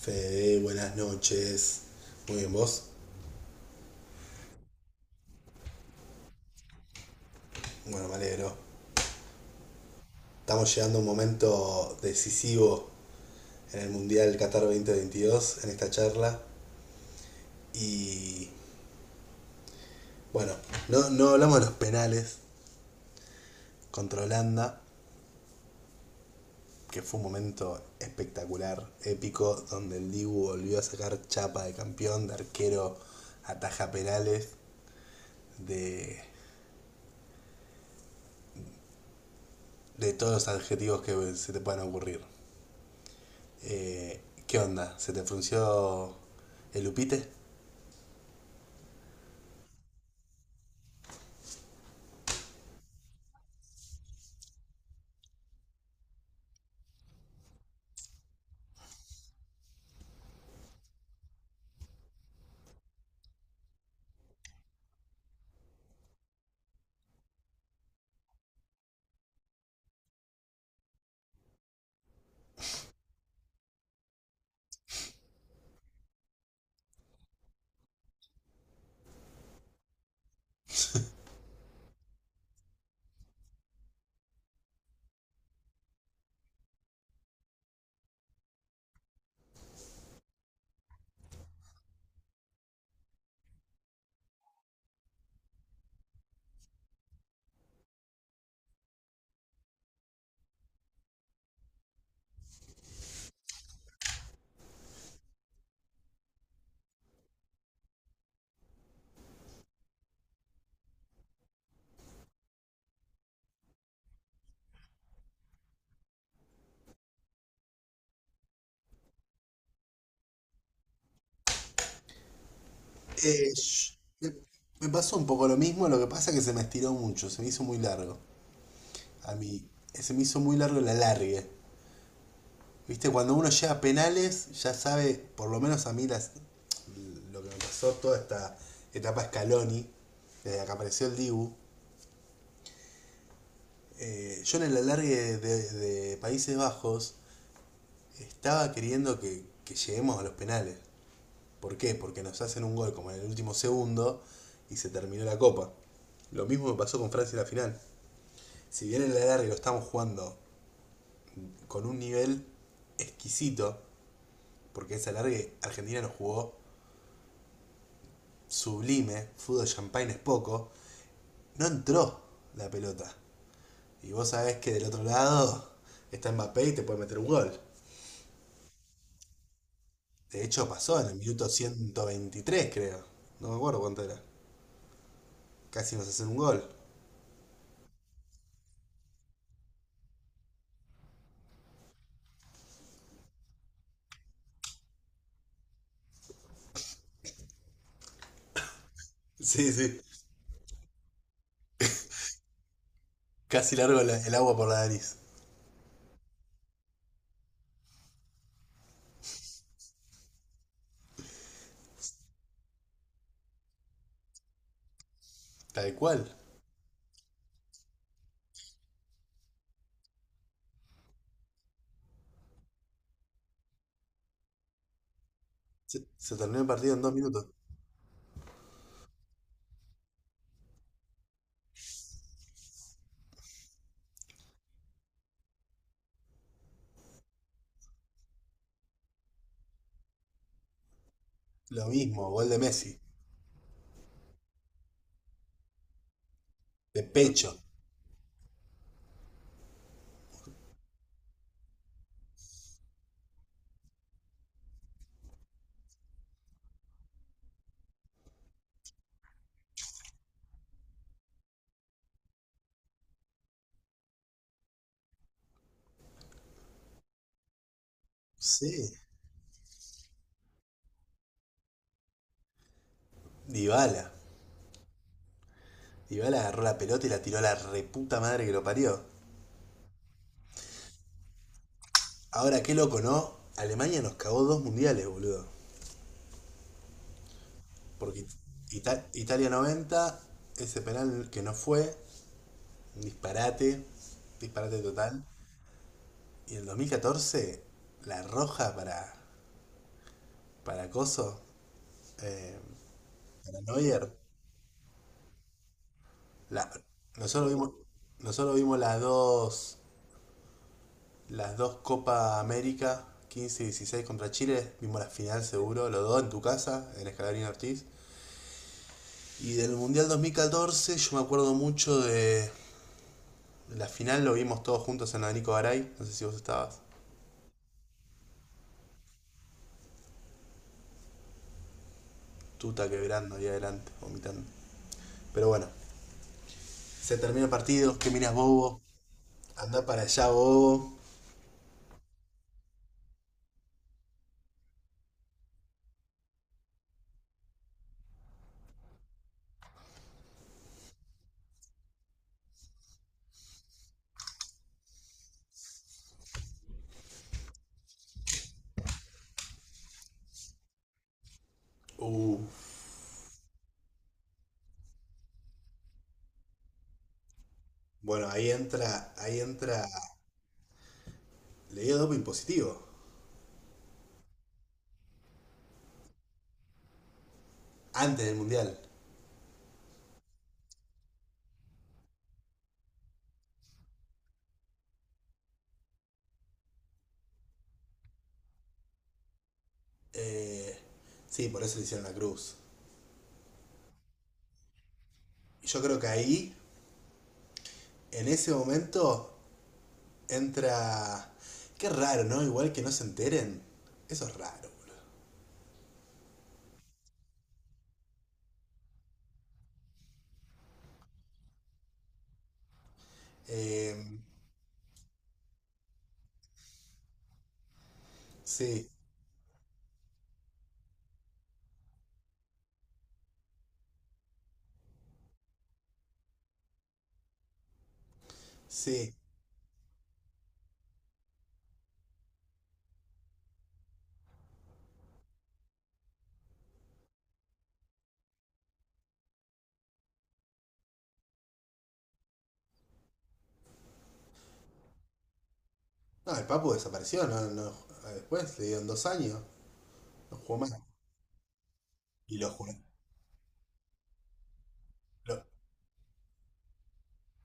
Fede, buenas noches. Muy bien, ¿vos? Bueno, me alegro. Estamos llegando a un momento decisivo en el Mundial Qatar 2022, en esta charla. Y bueno, no, no hablamos de los penales contra Holanda, que fue un momento espectacular, épico, donde el Dibu volvió a sacar chapa de campeón, de arquero, ataja penales, de, de todos los adjetivos que se te puedan ocurrir. Eh, ¿Qué onda? ¿Se te frunció el upite? Eh, sh- me Me pasó un poco lo mismo, lo que pasa es que se me estiró mucho, se me hizo muy largo. A mí, se me hizo muy largo el alargue. Viste, cuando uno llega a penales, ya sabe, por lo menos a mí, las, lo que me pasó toda esta etapa Scaloni, desde que apareció el Dibu. Yo en el alargue de Países Bajos estaba queriendo que lleguemos a los penales. ¿Por qué? Porque nos hacen un gol como en el último segundo y se terminó la copa. Lo mismo me pasó con Francia en la final. Si bien el alargue lo estamos jugando con un nivel exquisito, porque ese alargue Argentina nos jugó sublime, fútbol champagne es poco, no entró la pelota. Y vos sabés que del otro lado está Mbappé y te puede meter un gol. De hecho pasó en el minuto 123 creo. No me acuerdo cuánto era. Casi nos hacen un gol. Sí, sí. Casi largo el agua por la nariz. Tal cual. Se terminó el partido en dos minutos. Lo mismo, gol de Messi. De pecho. Sí. Dybala. Dybala agarró la pelota y la tiró a la reputa madre que lo parió. Ahora, qué loco, ¿no? Alemania nos cagó dos mundiales, boludo. Porque Italia 90, ese penal que no fue, un disparate, disparate total. Y en el 2014, la roja para Coso, eh, para Neuer, La- nosotros vimos, nosotros vimos las dos Copa América, 15 y 16 contra Chile, vimos la final seguro, los dos en tu casa, en Escalarín Ortiz. Y del Mundial 2014 yo me acuerdo mucho de la final, lo vimos todos juntos en la Nico Garay, no sé si vos estabas, tuta quebrando ahí adelante, vomitando. Pero bueno, se termina el partido, qué miras bobo, anda para allá bobo. Uh, bueno, ahí entra, le dio doping positivo, antes del Mundial. Eh, sí, por eso le hicieron la cruz. Y yo creo que ahí, en ese momento, entra. Qué raro, ¿no? Igual que no se enteren. Eso es raro, boludo. Eh, sí, sí. No, el Papu desapareció, no, no, después le dieron dos años, no jugó más. Y lo, ju- lo,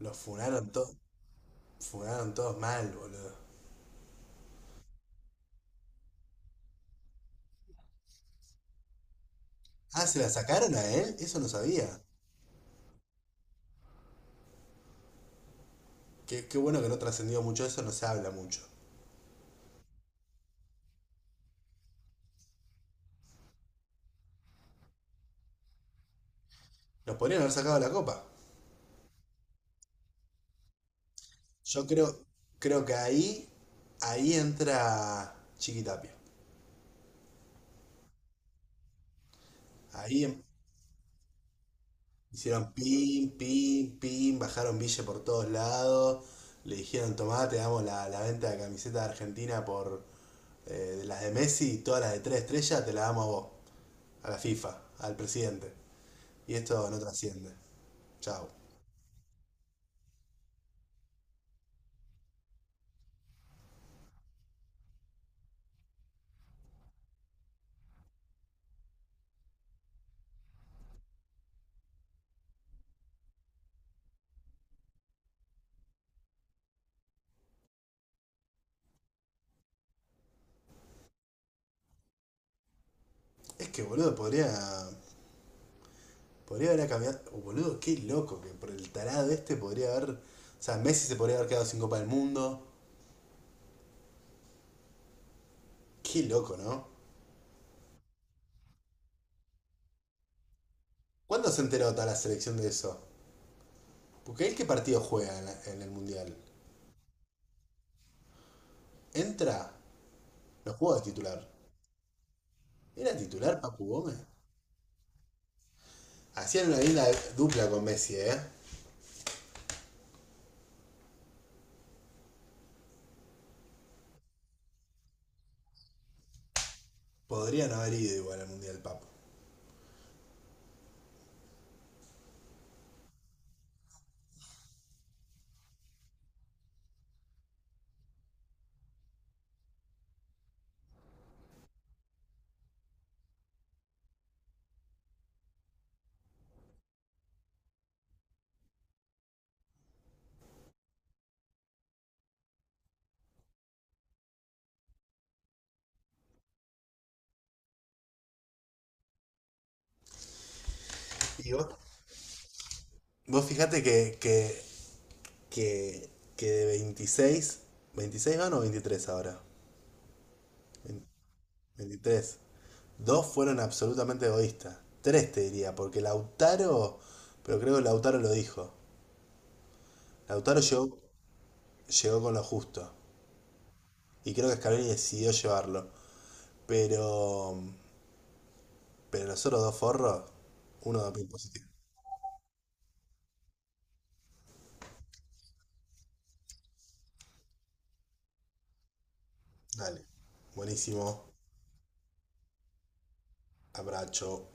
lo funaron todos mal, boludo. Ah, ¿se la sacaron a él? Eso no sabía. Qué, qué bueno que no trascendió mucho eso, no se habla mucho. Nos podrían haber sacado la copa. Yo creo, creo que ahí, ahí entra Chiquitapia. Ahí em- Hicieron pim, pim, pim, bajaron Ville por todos lados, le dijeron, tomá, te damos la venta de camiseta de Argentina por eh, de las de Messi, todas las de tres estrellas, te las damos a vos, a la FIFA, al presidente. Y esto no trasciende. Chao. Es que, boludo, podría. Podría haber cambiado. Oh, boludo, qué loco que por el tarado este podría haber. O sea, Messi se podría haber quedado sin Copa del Mundo. Qué loco, ¿no? ¿Cuándo se enteró toda la selección de eso? Porque él qué partido juega en el Mundial. Entra, no juega de titular. ¿Era titular Papu Gómez? Hacían una linda dupla con Messi, ¿eh? Podrían haber ido igual al Mundial Papu. Y vos, vos fijate que, que de 26, 26 van o 23 ahora. Vein- 23. Dos fueron absolutamente egoístas. Tres te diría, porque Lautaro, pero creo que Lautaro lo dijo. Lautaro llegó, llegó con lo justo. Y creo que Scaloni decidió llevarlo. Pero. Pero los otros dos forros, uno da pin positivo. Dale. Buenísimo. Abrazo.